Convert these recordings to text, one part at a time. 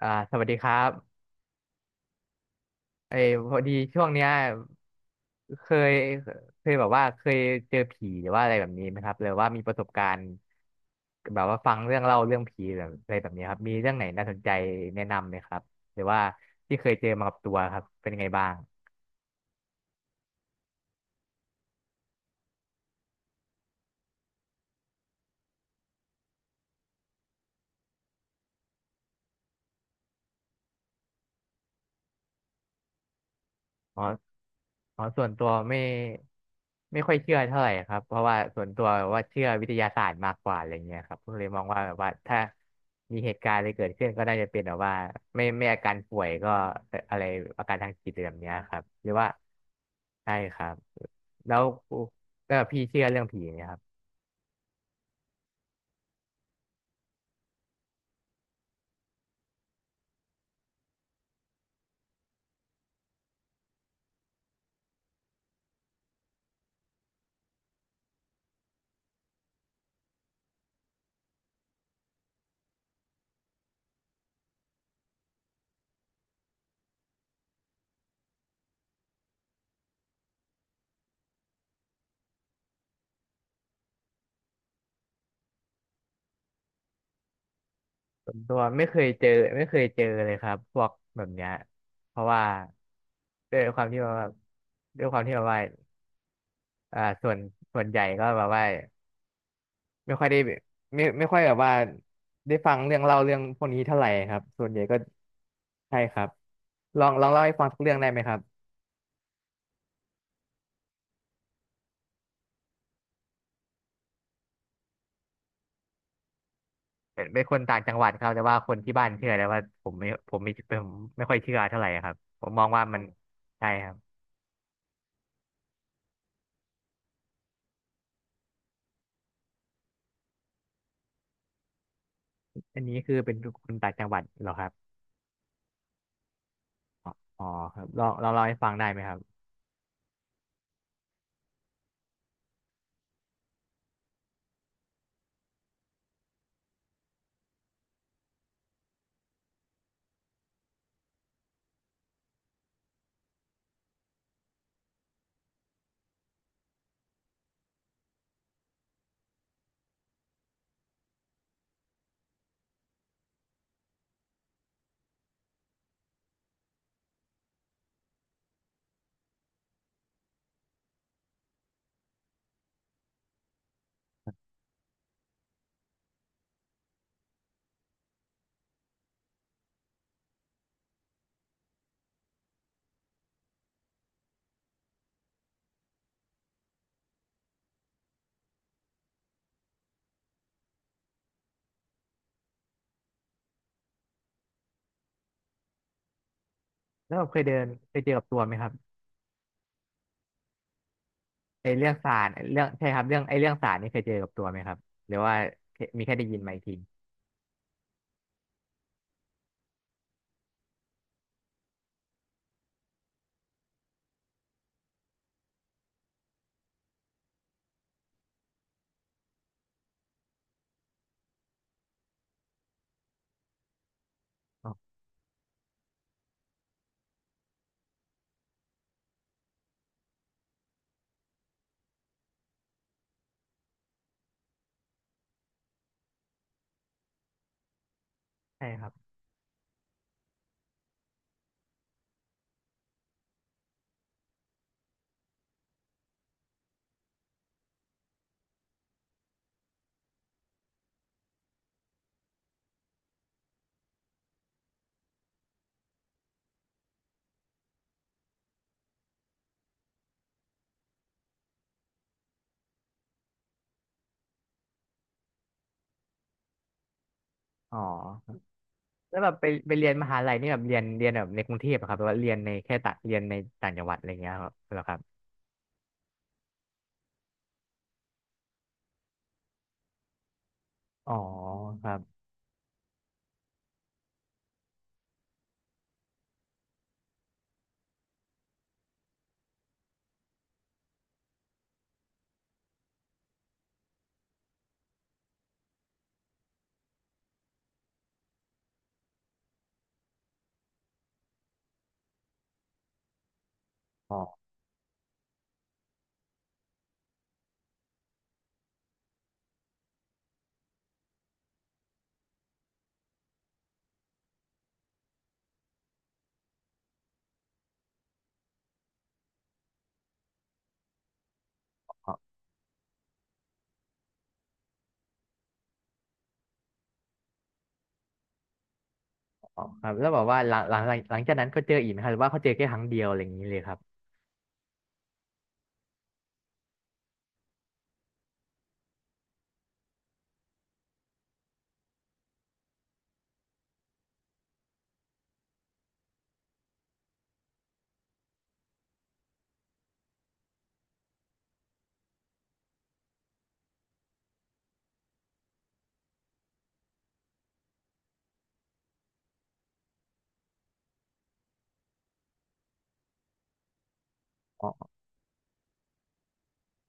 สวัสดีครับเอยพอดีช่วงเนี้ยเคยเคยแบบว่าเคยเจอผีหรือว่าอะไรแบบนี้ไหมครับหรือว่ามีประสบการณ์แบบว่าฟังเรื่องเล่าเรื่องผีแบบอะไรแบบนี้ครับมีเรื่องไหนน่าสนใจแนะนำไหมครับหรือว่าที่เคยเจอมากับตัวครับเป็นยังไงบ้าง อ๋ออ๋อส่วนตัวไม่ค่อยเชื่อเท่าไหร่ครับเพราะว่าส่วนตัวว่าเชื่อวิทยาศาสตร์มากกว่าอะไรเงี้ยครับก็เลยมองว่าแบบว่าถ้ามีเหตุการณ์อะไรเกิดขึ้นก็น่าจะเป็นแบบว่าไม่ไม่อาการป่วยก็อะไรอาการทางจิตอะไรแบบเนี้ยครับหรือว่าใช่ครับแล้วแล้วพี่เชื่อเรื่องผีไหมครับส่วนตัวไม่เคยเจอไม่เคยเจอเลยครับพวกแบบเนี้ยเพราะว่าด้วยความที่ว่าด้วยความที่ว่าว่าอ่าส่วนส่วนใหญ่ก็แบบว่า ไม่ค่อยได้แบบไม่ค่อยแบบว่าได้ฟังเรื่องเล่าเรื่องพวกนี้เท่าไหร่ครับส่วนใหญ่ก็ใช่ครับลองเล่าให้ฟังสักเรื่องได้ไหมครับเป็นคนต่างจังหวัดครับแต่ว่าคนที่บ้านเชื่อแต่ว่าผมไม่ค่อยเชื่อเท่าไหร่ครับผมมองว่ามันใช่ครับอันนี้คือเป็นคนต่างจังหวัดเหรอครับอ๋ออ๋อครับลองเล่าให้ฟังได้ไหมครับแล้วแบบเคยเจอกับตัวไหมครับไอเรื่องสารไอ้เรื่องใช่ครับเรื่องไอเรื่องสารนี่เคยเจอกับตัวไหมครับหรือว่ามีแค่ได้ยินมาอีกทีอ๋อใช่ครับอ๋อ แล้วแบบไปเรียนมหาลัยนี่แบบเรียนแบบในกรุงเทพอะครับหรือว่าเรียนในแค่ต่างเรียนในต่างจังหวัดอะไรเงี้ยครับเหรอครับอ๋อครับอ๋ออ๋ออ๋อครับแล้วแบบว่าหลังจากนั้นเขาเจออีกไหมครับหรือว่าเขาเจอแค่ครั้งเดียวอะไรอย่างนี้เลยครับอ๋อ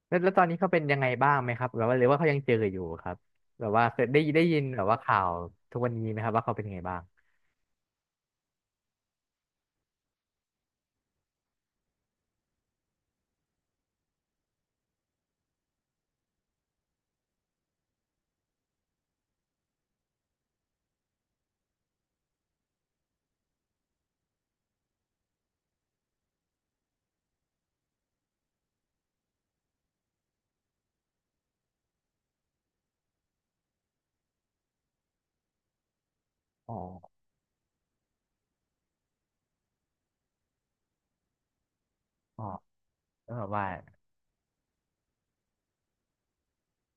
แล้วตอนนี้เขาเป็นยังไงบ้างไหมครับแบบว่าหรือว่าเขายังเจออยู่ครับแบบว่าเคยได้ยินแบบว่าข่าวทุกวันนี้ไหมครับว่าเขาเป็นยังไงบ้างอ๋ออ๋อแล้วแบบว่า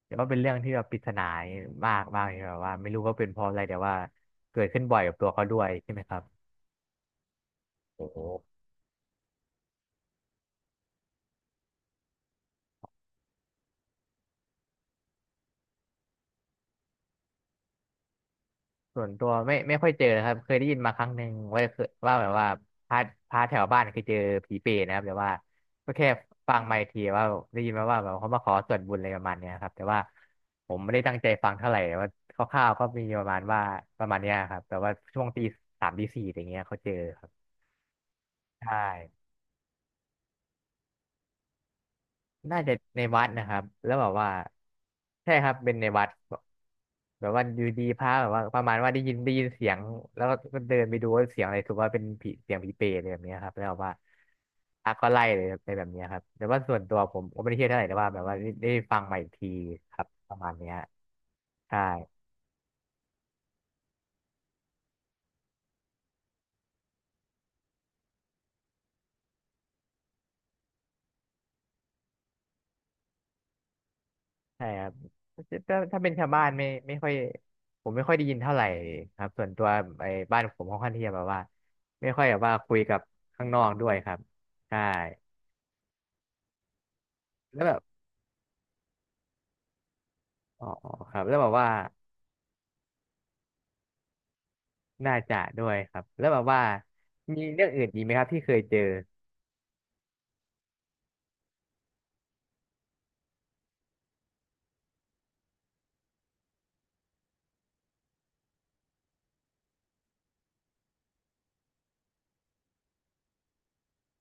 แต่วว่าเป็นเรื่องที่แบบปริศนามากมากเลยแบบว่าไม่รู้ว่าเป็นเพราะอะไรแต่ว่าเกิดขึ้นบ่อยกับตัวเขาด้วยใช่ไหมครับโอ้โห ส่วนตัวไม่ค่อยเจอนะครับเคยได้ยินมาครั้งหนึ่งว่าเคยว่าแบบว่าพาพาแถวบ้านเคยเจอผีเปรตนะครับแต่ว่าก็แค่ฟังมาอีกทีว่าได้ยินมาว่าแบบเขามาขอส่วนบุญอะไรประมาณเนี้ยครับแต่ว่าผมไม่ได้ตั้งใจฟังเท่าไหร่แต่ว่าคร่าวๆก็มีประมาณว่าประมาณเนี้ยครับแต่ว่าช่วงตี 3ตี 4อย่างเงี้ยเขาเจอครับใช่ น่าจะในวัดนะครับแล้วแบบว่าใช่ครับเป็นในวัดแบบแบบว่าอยู่ดีพระแบบว่าประมาณว่าได้ยินเสียงแล้วก็เดินไปดูว่าเสียงอะไรถือว่าเป็นผีเสียงผีเปรตอะไรแบบเนี้ยครับแล้วแบบว่าพระก็ไล่เลยในแบบเนี้ยครับแต่ว่าส่วนตัวผมก็ไม่ได้เชื่อเท่าไหร่แต่ว่าแบบว่าได้ฟังมาอีกทีครับประมาณเนี้ยใช่ ใช่ครับถ้าเป็นชาวบ้านไม่ไม่ค่อยผมไม่ค่อยได้ยินเท่าไหร่ครับส่วนตัวไอ้บ้านผมค่อนข้างที่จะแบบว่าไม่ค่อยแบบว่าคุยกับข้างนอกด้วยครับใช่แล้วแบบอ๋อครับแล้วแบบว่าน่าจะด้วยครับแล้วแบบว่ามีเรื่องอื่นอีกไหมครับที่เคยเจอ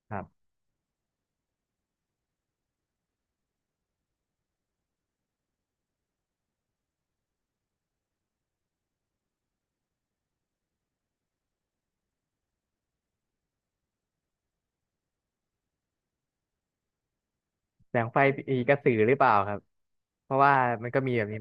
ครับแสงไฟผีกระสือหรือเปล่าครับเพราะว่ามันก็มีแบบนี้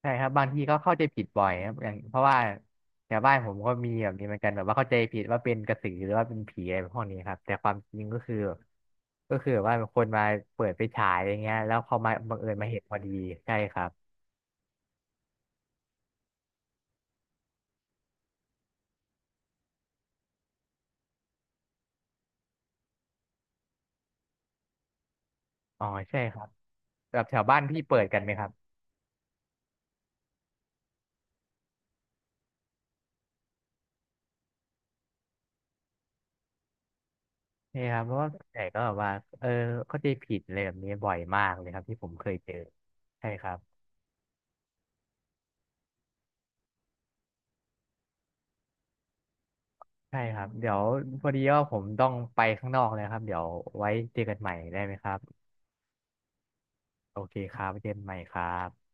ใช่ครับบางทีก็เข้าใจผิดบ่อยครับอย่างเพราะว่าแถวบ้านผมก็มีแบบนี้เหมือนกันแบบว่าเข้าใจผิดว่าเป็นกระสือหรือว่าเป็นผีอะไรพวกนี้ครับแต่ความจริงก็คือก็คือแบบว่าเป็นคนมาเปิดไปฉายอย่างเงี้ยแล้วเขามาบังเอิญมาเห็นพอดีใช่ครับอ๋อใช่ครับแบบแถวบ้านพี่เปิดกันไหมครับใช่ครับเพราะว่าส่วนใหญ่ก็แบบว่าเออเข้าใจผิดอะไรแบบนี้บ่อยมากเลยครับที่ผมเคยเจอใช่ครับใช่ครับเดี๋ยวพอดีว่าผมต้องไปข้างนอกเลยครับเดี๋ยวไว้เจอกันใหม่ได้ไหมครับ โอเคครับเจอนใหม่ครับ